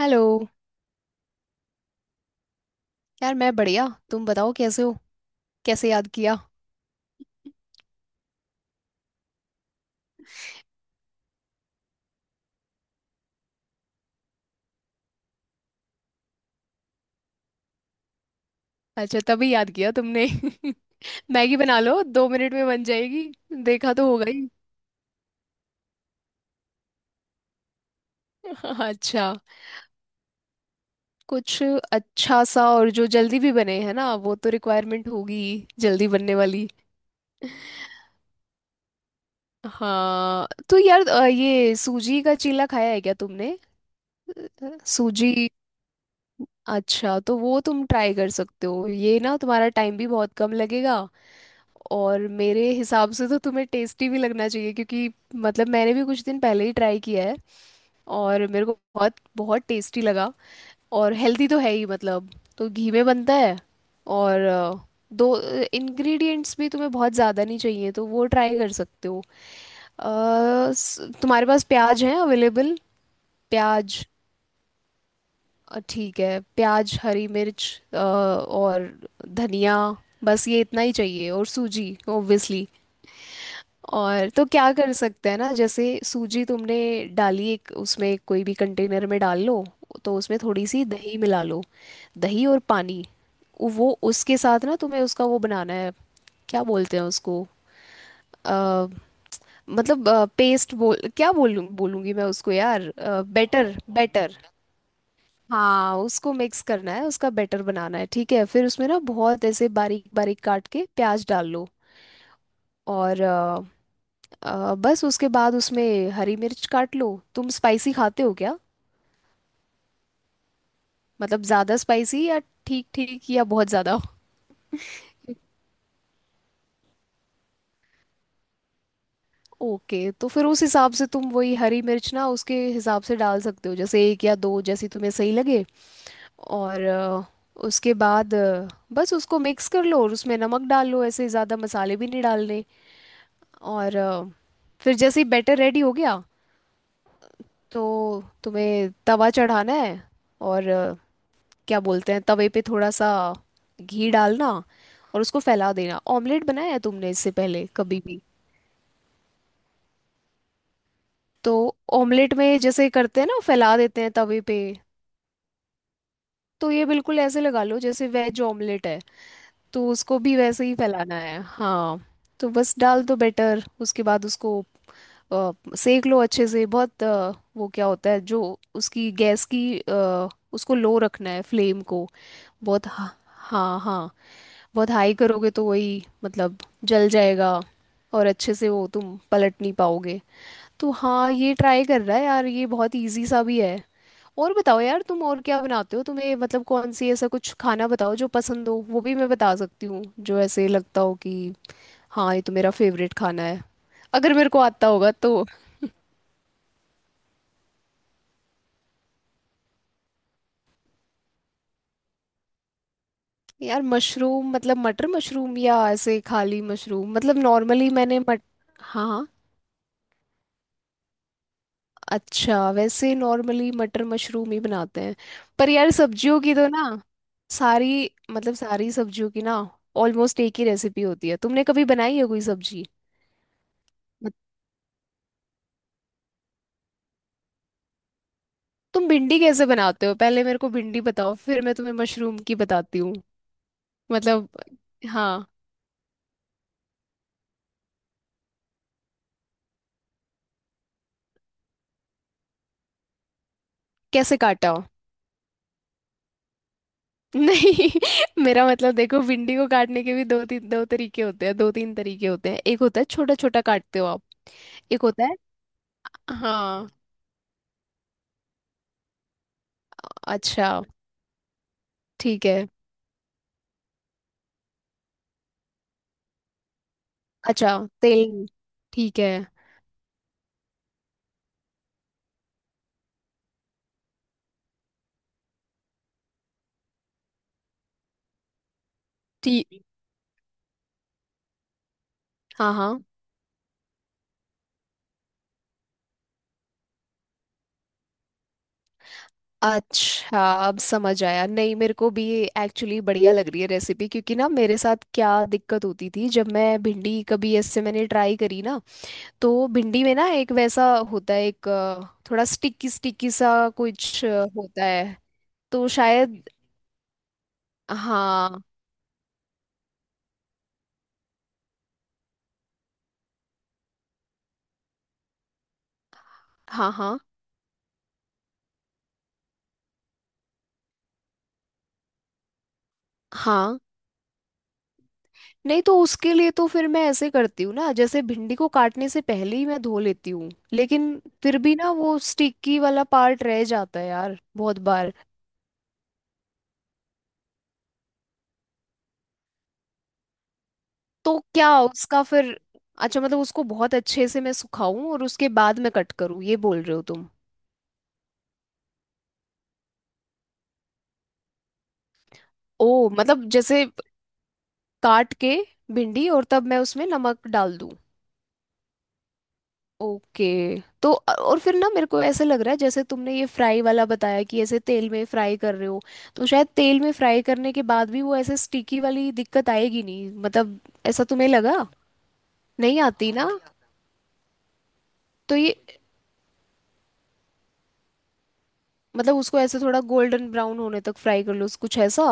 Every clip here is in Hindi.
हेलो। यार, मैं बढ़िया। तुम बताओ कैसे हो? कैसे याद किया? अच्छा, तभी याद किया तुमने। मैगी बना लो, 2 मिनट में बन जाएगी। देखा तो होगा ही। अच्छा। कुछ अच्छा सा, और जो जल्दी भी बने है ना, वो तो रिक्वायरमेंट होगी, जल्दी बनने वाली। हाँ तो यार, ये सूजी का चीला खाया है क्या तुमने? सूजी। अच्छा, तो वो तुम ट्राई कर सकते हो, ये ना तुम्हारा टाइम भी बहुत कम लगेगा। और मेरे हिसाब से तो तुम्हें टेस्टी भी लगना चाहिए, क्योंकि मतलब मैंने भी कुछ दिन पहले ही ट्राई किया है। और मेरे को बहुत बहुत टेस्टी लगा। और हेल्दी तो है ही, मतलब। तो घी में बनता है। और दो इंग्रेडिएंट्स भी तुम्हें बहुत ज़्यादा नहीं चाहिए, तो वो ट्राई कर सकते हो। तुम्हारे पास प्याज है अवेलेबल? प्याज। ठीक है, प्याज, हरी मिर्च, और धनिया। बस ये इतना ही चाहिए, और सूजी ओब्वियसली। और तो क्या कर सकते हैं ना, जैसे सूजी तुमने डाली एक, उसमें कोई भी कंटेनर में डाल लो। तो उसमें थोड़ी सी दही मिला लो। दही और पानी। वो उसके साथ ना तुम्हें उसका वो बनाना है। क्या बोलते हैं उसको? अ, मतलब, पेस्ट बोल, क्या बोलूं बोलूंगी मैं उसको यार। Better better. हाँ, उसको मिक्स करना है, उसका बैटर बनाना है। ठीक है, फिर उसमें ना बहुत ऐसे बारीक बारीक काट के प्याज डाल लो। और बस उसके बाद उसमें हरी मिर्च काट लो। तुम स्पाइसी खाते हो क्या? मतलब ज़्यादा स्पाइसी, या ठीक ठीक, या बहुत ज़्यादा? ओके, तो फिर उस हिसाब से तुम वही हरी मिर्च ना, उसके हिसाब से डाल सकते हो, जैसे एक या दो, जैसी तुम्हें सही लगे। और उसके बाद बस उसको मिक्स कर लो, और उसमें नमक डाल लो। ऐसे ज़्यादा मसाले भी नहीं डालने। और फिर जैसे ही बैटर रेडी हो गया, तो तुम्हें तवा चढ़ाना है। और क्या बोलते हैं, तवे पे थोड़ा सा घी डालना, और उसको फैला देना। ऑमलेट बनाया है तुमने इससे पहले कभी भी? तो ऑमलेट में जैसे करते हैं ना, फैला देते हैं तवे पे, तो ये बिल्कुल ऐसे लगा लो जैसे वेज ऑमलेट है, तो उसको भी वैसे ही फैलाना है। हाँ, तो बस डाल दो बैटर, उसके बाद उसको अ, सेक लो अच्छे से। बहुत वो क्या होता है जो उसकी गैस की, उसको लो रखना है, फ्लेम को। बहुत हा- हाँ हाँ, बहुत हाई करोगे तो वही मतलब जल जाएगा, और अच्छे से वो तुम पलट नहीं पाओगे। तो हाँ, ये ट्राई कर रहा है यार, ये बहुत इजी सा भी है। और बताओ यार, तुम और क्या बनाते हो? तुम्हें मतलब कौन सी, ऐसा कुछ खाना बताओ जो पसंद हो, वो भी मैं बता सकती हूँ। जो ऐसे लगता हो कि हाँ, ये तो मेरा फेवरेट खाना है, अगर मेरे को आता होगा तो। यार मशरूम, मतलब मटर मशरूम या ऐसे खाली मशरूम? मतलब नॉर्मली मैंने मट— हाँ। अच्छा, वैसे नॉर्मली मटर मशरूम ही बनाते हैं। पर यार, सब्जियों की तो ना सारी, मतलब सारी सब्जियों की ना ऑलमोस्ट एक ही रेसिपी होती है। तुमने कभी बनाई है कोई सब्जी? मत- तुम भिंडी कैसे बनाते हो? पहले मेरे को भिंडी बताओ, फिर मैं तुम्हें मशरूम की बताती हूँ। मतलब। हाँ। कैसे काटा हो? नहीं, मेरा मतलब, देखो, भिंडी को काटने के भी दो तीन, दो तरीके होते हैं, दो तीन तरीके होते हैं। एक होता है छोटा छोटा काटते हो आप। एक होता है। हाँ। अच्छा। ठीक है। अच्छा, तेल। ठीक है। ठीक। हाँ हाँ। अच्छा, अब समझ आया नहीं मेरे को भी। एक्चुअली बढ़िया लग रही है रेसिपी, क्योंकि ना मेरे साथ क्या दिक्कत होती थी, जब मैं भिंडी कभी ऐसे मैंने ट्राई करी ना, तो भिंडी में ना एक वैसा होता है, एक थोड़ा स्टिकी स्टिकी सा कुछ होता है। तो शायद। हाँ हाँ हाँ। हाँ नहीं, तो उसके लिए तो फिर मैं ऐसे करती हूँ ना, जैसे भिंडी को काटने से पहले ही मैं धो लेती हूँ, लेकिन फिर भी ना वो स्टिकी वाला पार्ट रह जाता है यार बहुत बार। तो क्या उसका फिर, अच्छा मतलब उसको बहुत अच्छे से मैं सुखाऊं और उसके बाद मैं कट करूँ, ये बोल रहे हो तुम? ओ मतलब, जैसे काट के भिंडी, और तब मैं उसमें नमक डाल दूं? ओके। तो और फिर ना मेरे को ऐसे लग रहा है, जैसे तुमने ये फ्राई वाला बताया कि ऐसे तेल में फ्राई कर रहे हो, तो शायद तेल में फ्राई करने के बाद भी वो ऐसे स्टिकी वाली दिक्कत आएगी नहीं, मतलब। ऐसा तुम्हें लगा? नहीं आती ना। तो ये, मतलब उसको ऐसे थोड़ा गोल्डन ब्राउन होने तक फ्राई कर लो, कुछ ऐसा?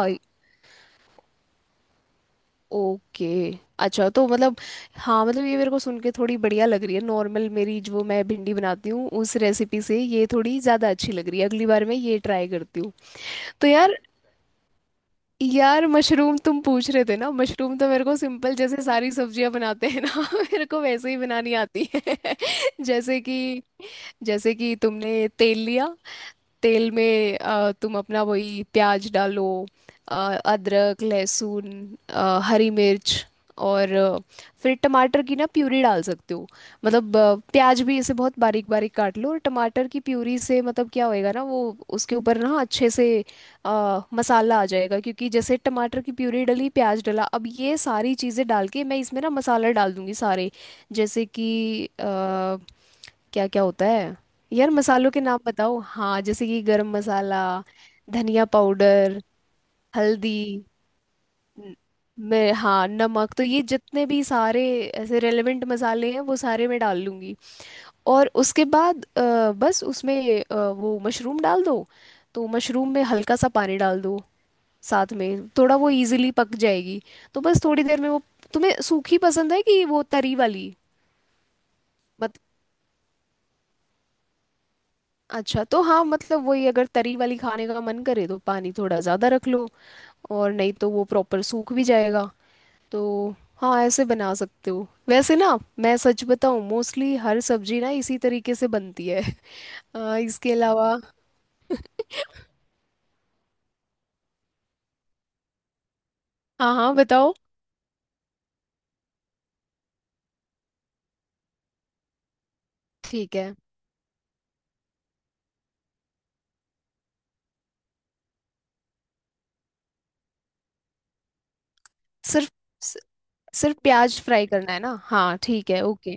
ओके। अच्छा तो मतलब, हाँ मतलब, ये मेरे को सुन के थोड़ी बढ़िया लग रही है। नॉर्मल मेरी जो मैं भिंडी बनाती हूँ उस रेसिपी से, ये थोड़ी ज़्यादा अच्छी लग रही है, अगली बार मैं ये ट्राई करती हूँ। तो यार, यार मशरूम तुम पूछ रहे थे ना, मशरूम तो मेरे को सिंपल जैसे सारी सब्जियां बनाते हैं ना, मेरे को वैसे ही बनानी आती है। जैसे कि, जैसे कि तुमने तेल लिया, तेल में तुम अपना वही प्याज डालो, अ, अदरक लहसुन, हरी मिर्च, और फिर टमाटर की ना प्यूरी डाल सकते हो। मतलब प्याज भी इसे बहुत बारीक बारीक काट लो, और टमाटर की प्यूरी से मतलब क्या होएगा ना वो, उसके ऊपर ना अच्छे से मसाला आ जाएगा, क्योंकि जैसे टमाटर की प्यूरी डली, प्याज डला, अब ये सारी चीज़ें डाल के मैं इसमें ना मसाला डाल दूंगी सारे। जैसे कि अ, क्या क्या होता है, यार मसालों के नाम बताओ। हाँ, जैसे कि गरम मसाला, धनिया पाउडर, हल्दी। न- मैं, हाँ, नमक, तो ये जितने भी सारे ऐसे रेलेवेंट मसाले हैं, वो सारे मैं डाल लूँगी। और उसके बाद बस उसमें वो मशरूम डाल दो। तो मशरूम में हल्का सा पानी डाल दो साथ में, थोड़ा वो इजीली पक जाएगी। तो बस थोड़ी देर में वो, तुम्हें सूखी पसंद है कि वो तरी वाली? अच्छा, तो हाँ, मतलब वही, अगर तरी वाली खाने का मन करे तो पानी थोड़ा ज़्यादा रख लो, और नहीं तो वो प्रॉपर सूख भी जाएगा। तो हाँ, ऐसे बना सकते हो। वैसे ना, मैं सच बताऊँ, मोस्टली हर सब्जी ना इसी तरीके से बनती है। इसके अलावा। हाँ हाँ बताओ। ठीक है। सिर्फ, सि- सिर्फ प्याज फ्राई करना है ना? हाँ ठीक है, ओके।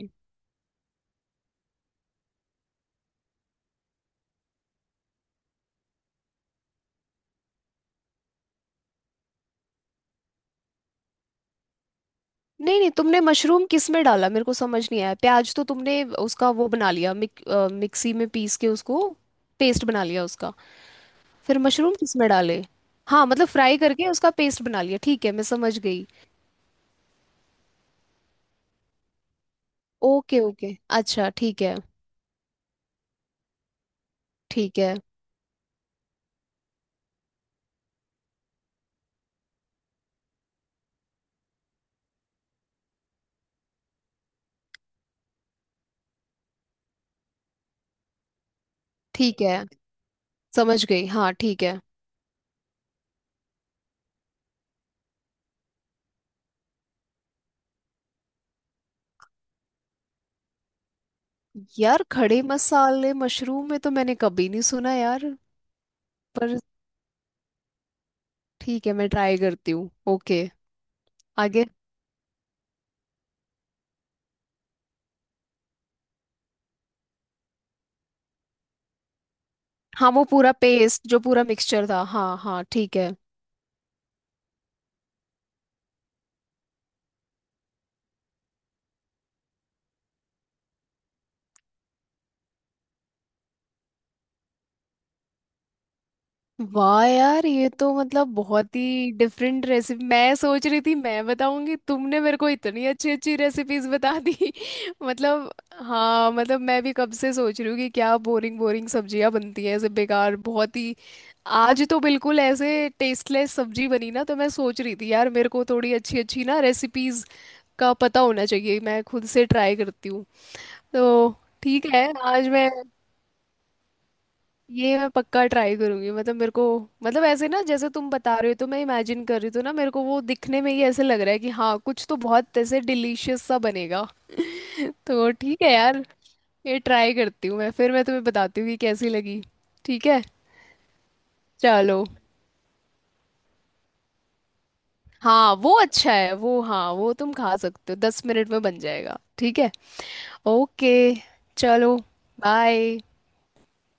नहीं नहीं, तुमने मशरूम किस में डाला? मेरे को समझ नहीं आया। प्याज तो तुमने उसका वो बना लिया, मिक्सी में पीस के उसको, पेस्ट बना लिया उसका। फिर मशरूम किसमें डाले? हाँ, मतलब फ्राई करके उसका पेस्ट बना लिया, ठीक है, मैं समझ गई। Okay okay. अच्छा ठीक है। ठीक है। ठीक है, समझ गई, हाँ ठीक है। यार खड़े मसाले मशरूम में तो मैंने कभी नहीं सुना यार। पर ठीक है, मैं ट्राई करती हूँ, ओके। आगे। हाँ, वो पूरा पेस्ट, जो पूरा मिक्सचर था, हाँ हाँ ठीक है। वाह यार, ये तो मतलब बहुत ही डिफरेंट रेसिपी। मैं सोच रही थी मैं बताऊंगी, तुमने मेरे को इतनी अच्छी अच्छी रेसिपीज बता दी। मतलब, हाँ मतलब, मैं भी कब से सोच रही हूँ कि क्या बोरिंग बोरिंग सब्जियां बनती हैं, ऐसे बेकार, बहुत ही। आज तो बिल्कुल ऐसे टेस्टलेस सब्जी बनी ना, तो मैं सोच रही थी यार, मेरे को थोड़ी अच्छी अच्छी ना रेसिपीज का पता होना चाहिए, मैं खुद से ट्राई करती हूँ। तो ठीक है। आज मैं, ये मैं पक्का ट्राई करूंगी। मतलब मेरे को, मतलब ऐसे ना जैसे तुम बता रहे हो, तो मैं इमेजिन कर रही, तो ना मेरे को वो दिखने में ही ऐसे लग रहा है कि हाँ, कुछ तो बहुत ऐसे डिलीशियस सा बनेगा। तो ठीक है यार, ये ट्राई करती हूँ मैं, फिर मैं तुम्हें बताती हूँ कि कैसी लगी। ठीक है। चलो। हाँ, वो अच्छा है वो, हाँ वो तुम खा सकते हो, 10 मिनट में बन जाएगा, ठीक है। ओके। चलो। बाय।